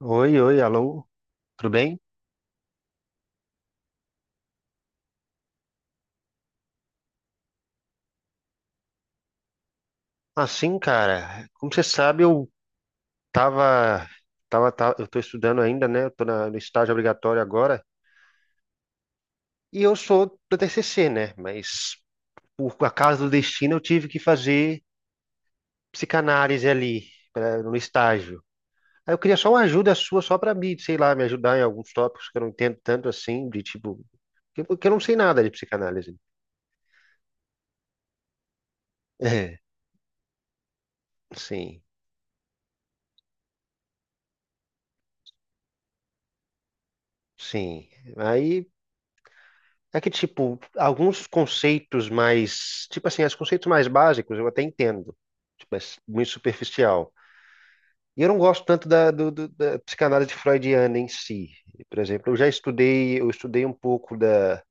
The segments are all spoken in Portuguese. Oi, oi, alô, tudo bem? Assim, cara, como você sabe, eu tava, eu tô estudando ainda, né? Eu no estágio obrigatório agora e eu sou do TCC, né? Mas por acaso do destino eu tive que fazer psicanálise no estágio. Aí eu queria só uma ajuda sua, só pra mim, sei lá, me ajudar em alguns tópicos que eu não entendo tanto assim, de tipo, que eu não sei nada de psicanálise. É, sim, sim. Aí é que, tipo, alguns conceitos mais, tipo assim, os conceitos mais básicos eu até entendo, tipo, é muito superficial. E eu não gosto tanto da psicanálise freudiana em si. Por exemplo, eu estudei um pouco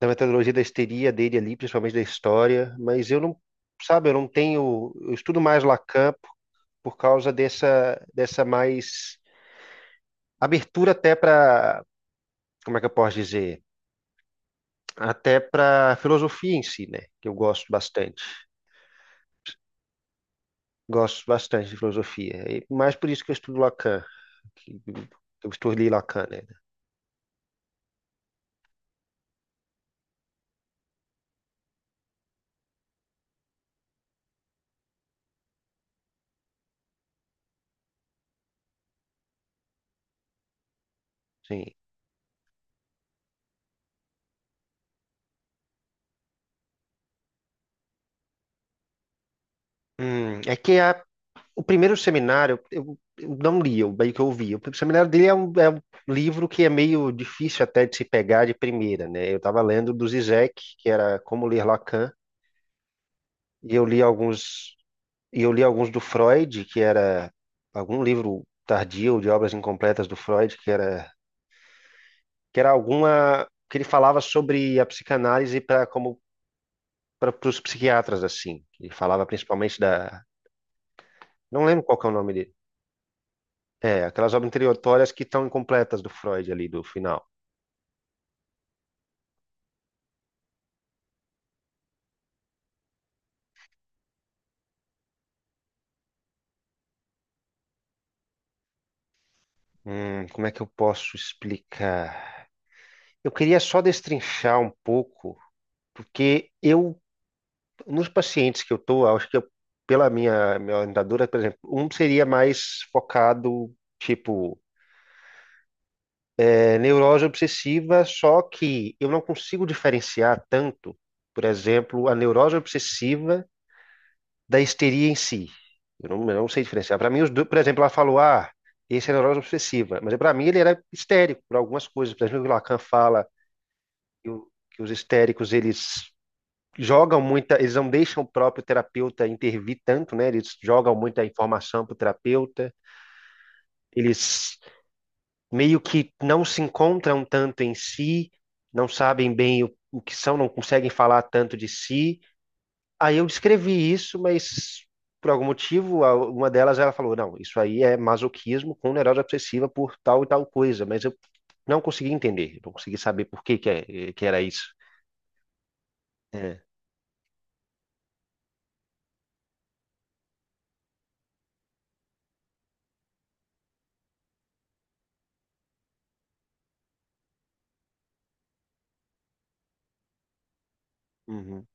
da metodologia da histeria dele ali, principalmente da história, mas eu não, sabe, eu não tenho, eu estudo mais Lacan por causa dessa, dessa mais abertura até para, como é que eu posso dizer? Até para filosofia em si, né? Que eu gosto bastante. Gosto bastante de filosofia. E mais por isso que eu estudo Lacan. Que eu estudei Lacan, né? Sim. É o primeiro seminário, eu não li, eu meio que ouvi. O primeiro seminário dele é é um livro que é meio difícil até de se pegar de primeira, né? Eu estava lendo do Zizek, que era Como Ler Lacan, e eu li alguns, e eu li alguns do Freud, que era algum livro tardio de obras incompletas do Freud, que era alguma, que ele falava sobre a psicanálise para como para os psiquiatras, assim. Ele falava principalmente da. Não lembro qual que é o nome dele. É, aquelas obras introdutórias que estão incompletas do Freud ali, do final. Como é que eu posso explicar? Eu queria só destrinchar um pouco, porque eu, nos pacientes que eu estou, acho que eu, pela minha orientadora, por exemplo, um seria mais focado, tipo, é, neurose obsessiva, só que eu não consigo diferenciar tanto, por exemplo, a neurose obsessiva da histeria em si. Eu não sei diferenciar. Para mim, os dois, por exemplo, ela falou, ah, esse é neurose obsessiva. Mas para mim ele era histérico por algumas coisas. Por exemplo, o Lacan fala que os histéricos, eles jogam muita, eles não deixam o próprio terapeuta intervir tanto, né? Eles jogam muita informação para o terapeuta. Eles meio que não se encontram tanto em si, não sabem bem o que são, não conseguem falar tanto de si. Aí eu descrevi isso, mas por algum motivo, uma delas ela falou: não, isso aí é masoquismo com neurose obsessiva por tal e tal coisa, mas eu não consegui entender, não consegui saber por que que era isso. É. Uhum,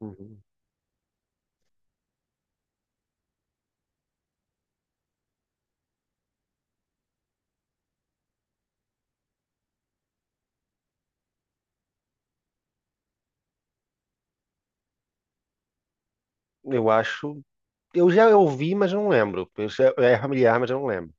uhum. Eu acho. Eu já ouvi, mas eu não lembro. É familiar, mas eu não lembro.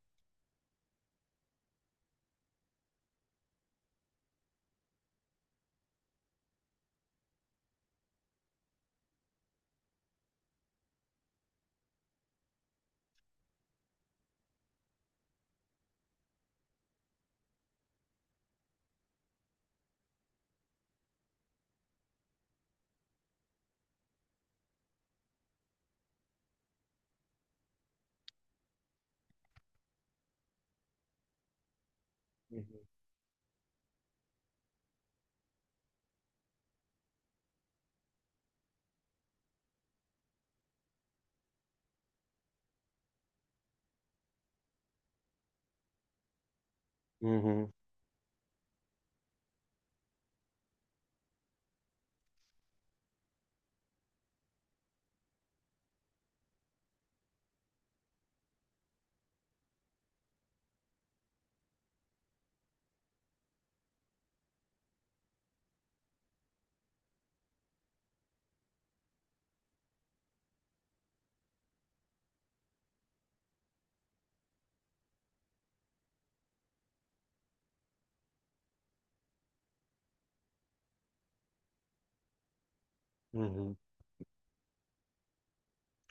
Uhum. Uhum, uhum.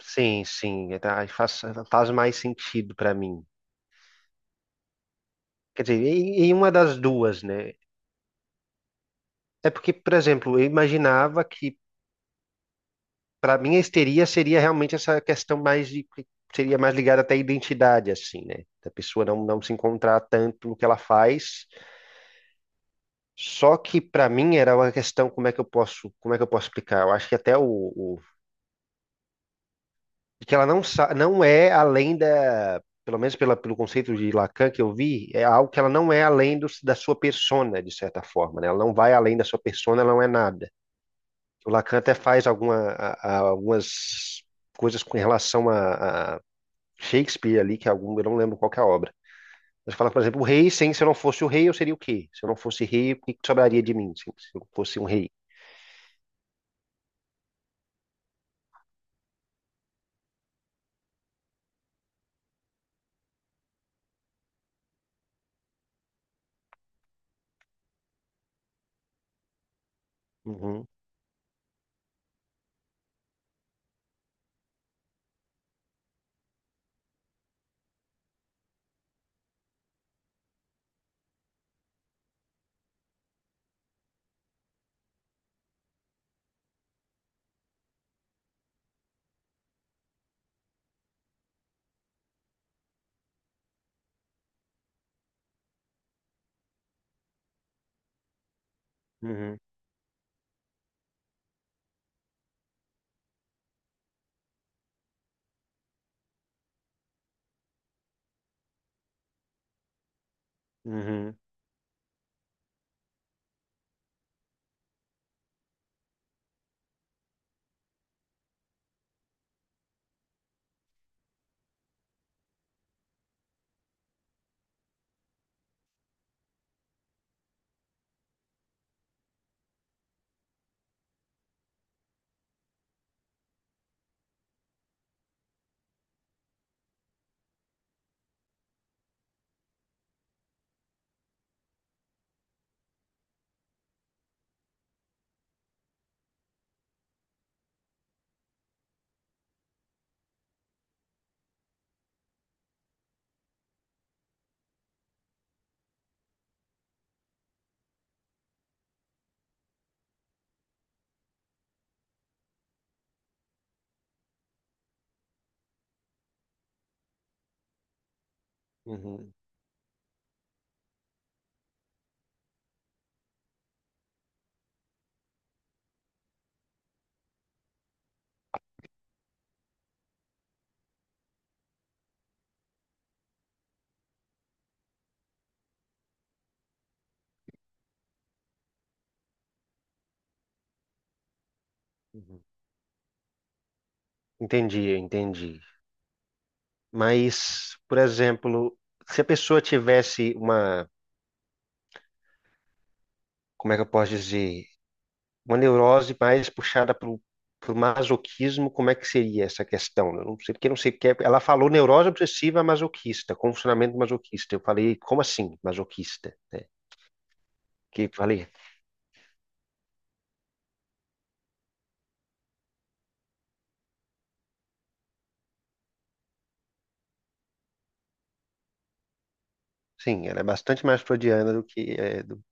Sim, sim. É, tá, aí faz mais sentido para mim. Quer dizer, em uma das duas, né? É porque, por exemplo, eu imaginava que para mim, a histeria seria realmente essa questão mais de, que seria mais ligada até à identidade, assim, né? Da pessoa não, não se encontrar tanto no que ela faz. Só que para mim era uma questão como é que eu posso, como é que eu posso explicar? Eu acho que até o de que ela não é além da, pelo menos pela, pelo conceito de Lacan que eu vi, é algo que ela não é além do, da sua persona, de certa forma, né? Ela não vai além da sua persona, ela não é nada. O Lacan até faz alguma, algumas coisas com relação Shakespeare ali, que é algum, eu não lembro qual que é a obra. Mas fala, por exemplo, o rei, sem, se eu não fosse o rei, eu seria o quê? Se eu não fosse rei, o que que sobraria de mim se eu fosse um rei? Uhum, uhum, uhum, uhum, uhum. Entendi, entendi. Mas, por exemplo, se a pessoa tivesse uma, como é que eu posso dizer, uma neurose mais puxada para o masoquismo, como é que seria essa questão? Eu não sei porque eu não sei porque ela falou neurose obsessiva masoquista, com funcionamento masoquista. Eu falei, como assim, masoquista? É. Que falei, sim, ela é bastante mais freudiana do que é do.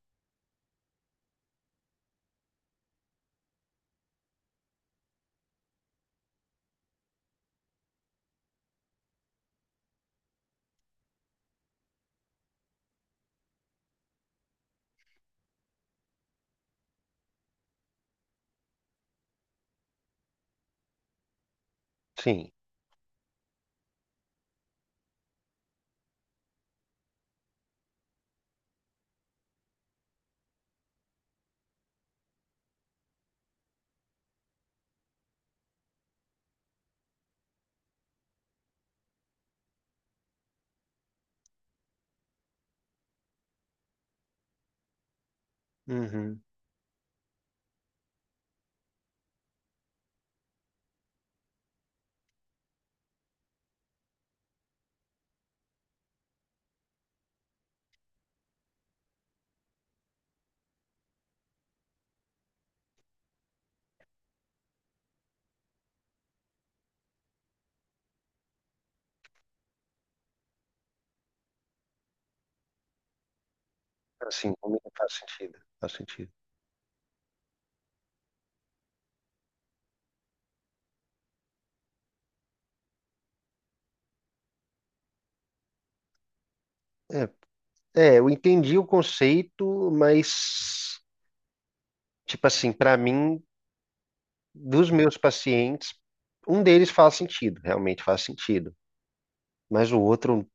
Sim. Uhum. Assim, comigo faz sentido. Faz sentido. É, é, eu entendi o conceito, mas, tipo assim, para mim, dos meus pacientes, um deles faz sentido, realmente faz sentido. Mas o outro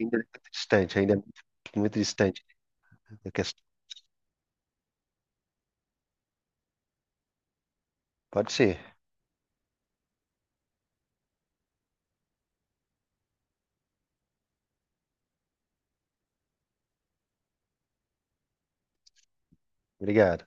ainda é muito distante, ainda é muito, muito distante da questão. Pode ser. Obrigado.